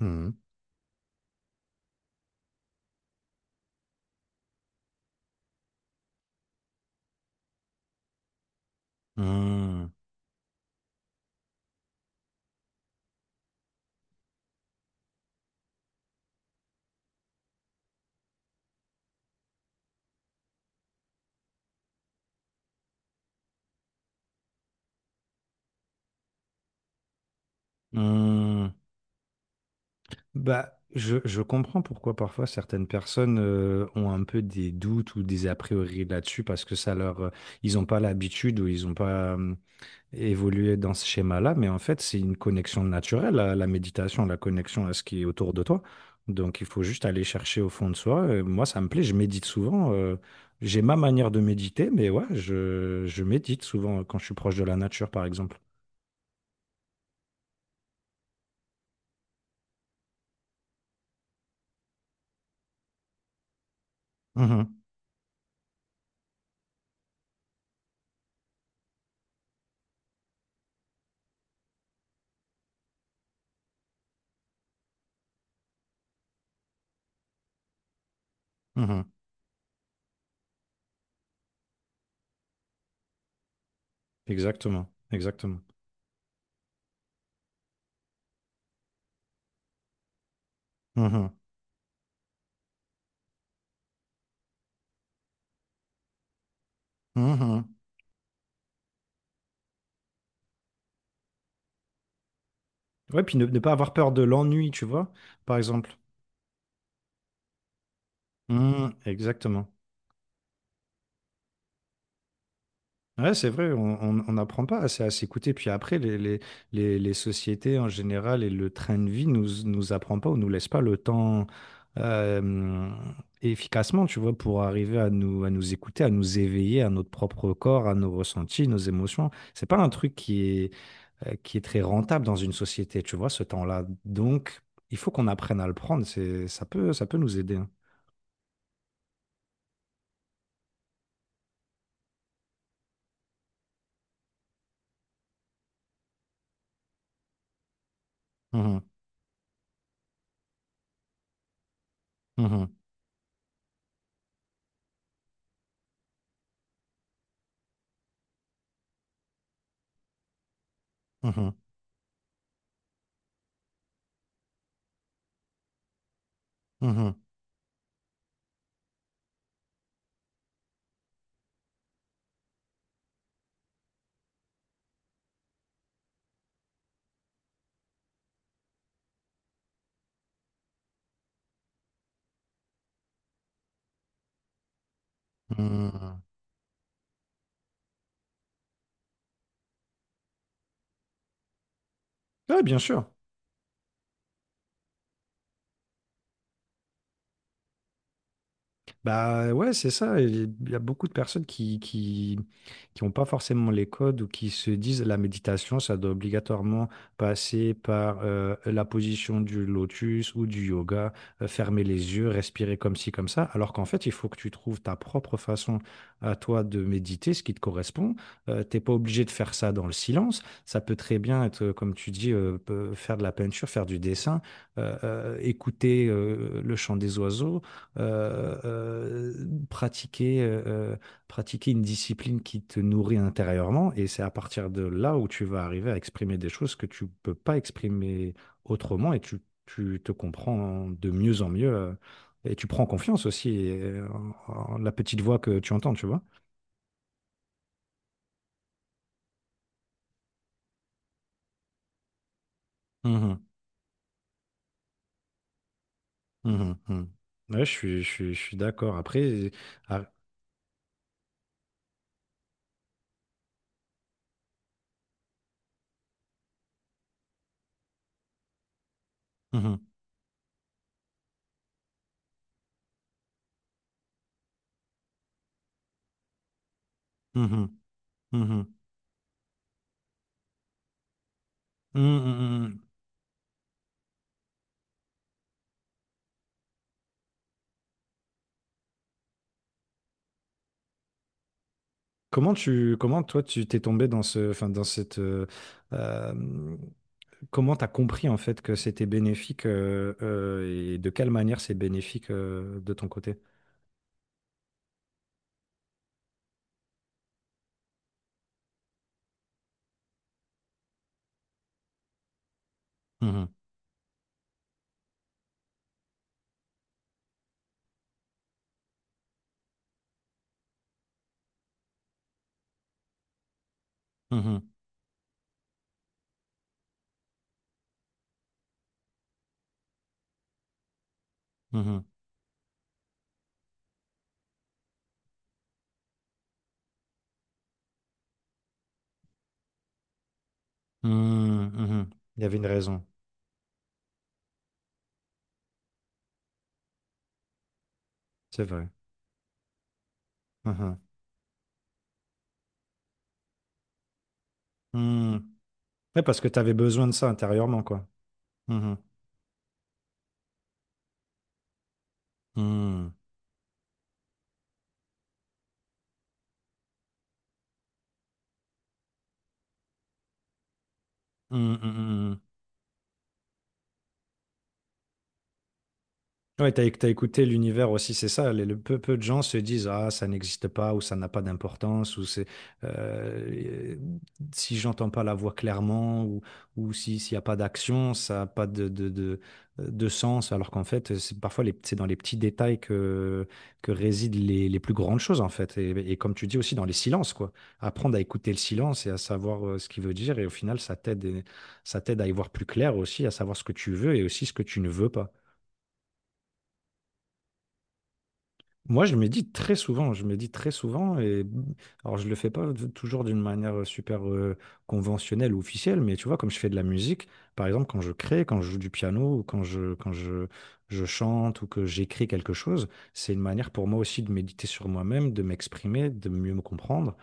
Mmh mh. Mmh. Mmh. Bah, je comprends pourquoi parfois certaines personnes, ont un peu des doutes ou des a priori là-dessus parce que ça leur, ils n'ont pas l'habitude ou ils n'ont pas, évolué dans ce schéma-là, mais en fait, c'est une connexion naturelle à la méditation, la connexion à ce qui est autour de toi. Donc il faut juste aller chercher au fond de soi et moi, ça me plaît, je médite souvent, j'ai ma manière de méditer, mais ouais, je médite souvent quand je suis proche de la nature, par exemple. Mmh mh. Mmh. Exactement, exactement. Mhm, mhm. Ouais, puis ne pas avoir peur de l'ennui, tu vois, par exemple. Mhm, exactement. Ouais, c'est vrai, on n'apprend pas assez à s'écouter. Puis après, les sociétés en général et le train de vie nous, nous apprend pas ou nous laisse pas le temps euh, efficacement, tu vois, pour arriver à nous écouter, à nous éveiller à notre propre corps, à nos ressentis, nos émotions. C'est pas un truc qui, qui est très rentable dans une société, tu vois, ce temps-là. Donc, il faut qu'on apprenne à le prendre. C'est, ça peut nous aider, hein. Mhm, mhm, mhm, mhm, mhm. Ouais, bien sûr. Bah ouais, c'est ça. Il y a beaucoup de personnes qui n'ont pas forcément les codes ou qui se disent la méditation, ça doit obligatoirement passer par la position du lotus ou du yoga, fermer les yeux, respirer comme ci, comme ça. Alors qu'en fait, il faut que tu trouves ta propre façon à toi de méditer, ce qui te correspond. T'es pas obligé de faire ça dans le silence. Ça peut très bien être, comme tu dis, faire de la peinture, faire du dessin, écouter le chant des oiseaux euh, euh, pratiquer, euh, pratiquer une discipline qui te nourrit intérieurement. Et c'est à partir de là où tu vas arriver à exprimer des choses que tu peux pas exprimer autrement et tu te comprends de mieux en mieux. Et tu prends confiance aussi, en la petite voix que tu entends, tu vois. Mhm, mhm, mhm. Ouais, je suis d'accord. Après, ah, mhm, mhm, mhm. Mhm, mhm, mhm. Comment comment toi tu t'es tombé dans ce, enfin dans cette, euh, comment t'as compris en fait que c'était bénéfique, et de quelle manière c'est bénéfique, de ton côté? Mhm, mhm, mhm, mhm, mhm. Il y avait une raison, c'est vrai. Mhm, mhm. Ouais, parce que tu avais besoin de ça intérieurement quoi. Mhm, mhm, mhm, mhm, mhm. Ouais, t'as écouté l'univers aussi, c'est ça. Peu de gens se disent, ah, ça n'existe pas, ou ça n'a pas d'importance, ou c'est, euh, si j'entends pas la voix clairement, ou si, s'il n'y a pas d'action, ça n'a pas de sens. Alors qu'en fait, c'est parfois c'est dans les petits détails que résident les plus grandes choses, en fait. Et comme tu dis aussi, dans les silences, quoi. Apprendre à écouter le silence et à savoir ce qu'il veut dire. Et au final, ça t'aide à y voir plus clair aussi, à savoir ce que tu veux et aussi ce que tu ne veux pas. Moi, je médite très souvent, je médite très souvent, et alors je le fais pas toujours d'une manière super conventionnelle ou officielle, mais tu vois, comme je fais de la musique, par exemple, quand je crée, quand je joue du piano, ou quand je chante ou que j'écris quelque chose, c'est une manière pour moi aussi de méditer sur moi-même, de m'exprimer, de mieux me comprendre.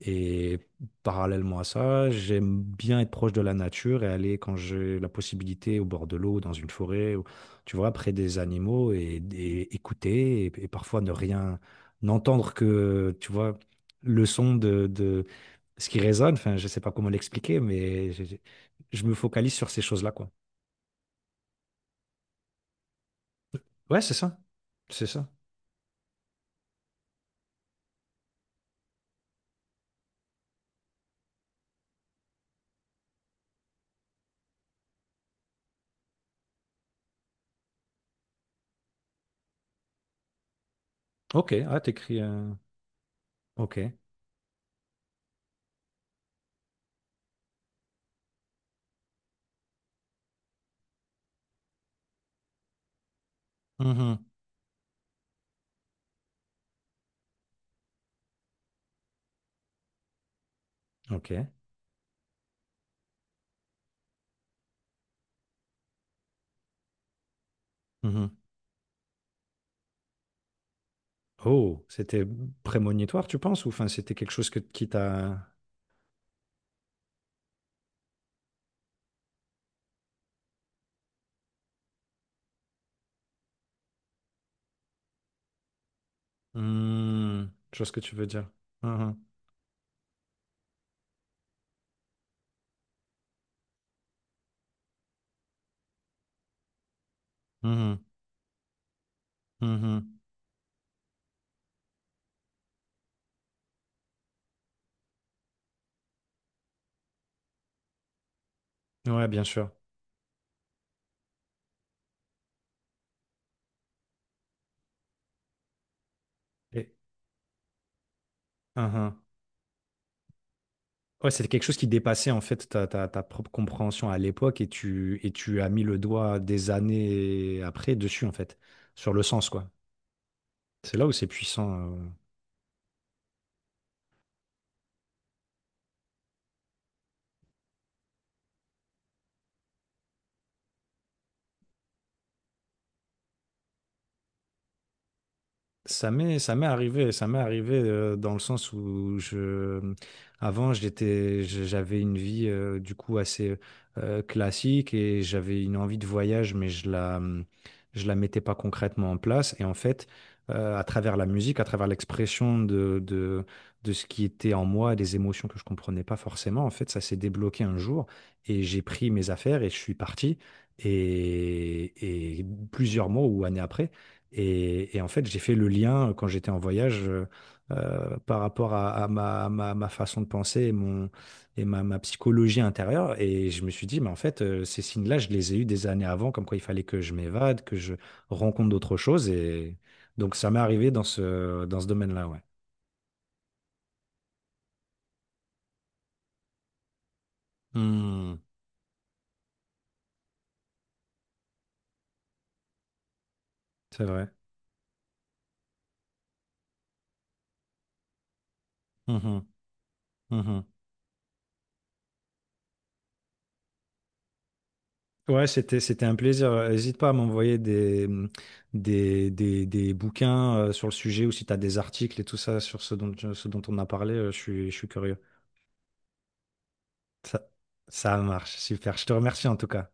Et parallèlement à ça, j'aime bien être proche de la nature et aller, quand j'ai la possibilité, au bord de l'eau, dans une forêt, tu vois, près des animaux et écouter et parfois ne rien, n'entendre que, tu vois, le son de ce qui résonne. Enfin, je sais pas comment l'expliquer, mais je me focalise sur ces choses-là, quoi. Ouais, c'est ça. C'est ça. Ok. Ah, t'écris. Ok. Mhm. Ok. Mhm. Oh, c'était prémonitoire, tu penses? Ou enfin, c'était quelque chose que, qui t'a. Hmm, je vois ce que tu veux dire. Mhm. Mhm. Mhm. Ouais, bien sûr. Et... Mhm. Ouais, c'était quelque chose qui dépassait en fait ta propre compréhension à l'époque et et tu as mis le doigt des années après dessus en fait, sur le sens quoi. C'est là où c'est puissant. Ça m'est arrivé dans le sens où avant j'avais une vie du coup assez classique et j'avais une envie de voyage, mais je je la mettais pas concrètement en place. Et en fait, à travers la musique, à travers l'expression de ce qui était en moi, des émotions que je comprenais pas forcément, en fait, ça s'est débloqué un jour et j'ai pris mes affaires et je suis parti. Et plusieurs mois ou années après. Et en fait, j'ai fait le lien quand j'étais en voyage, par rapport à ma, ma façon de penser, et ma psychologie intérieure. Et je me suis dit, mais en fait, ces signes-là, je les ai eus des années avant, comme quoi il fallait que je m'évade, que je rencontre d'autres choses. Et donc, ça m'est arrivé dans ce domaine-là, ouais. Hmm, c'est vrai. Mhm, mhm. Ouais, c'était, c'était un plaisir. N'hésite pas à m'envoyer des bouquins sur le sujet ou si tu as des articles et tout ça sur ce dont on a parlé, je suis curieux. Ça, ça marche, super. Je te remercie en tout cas.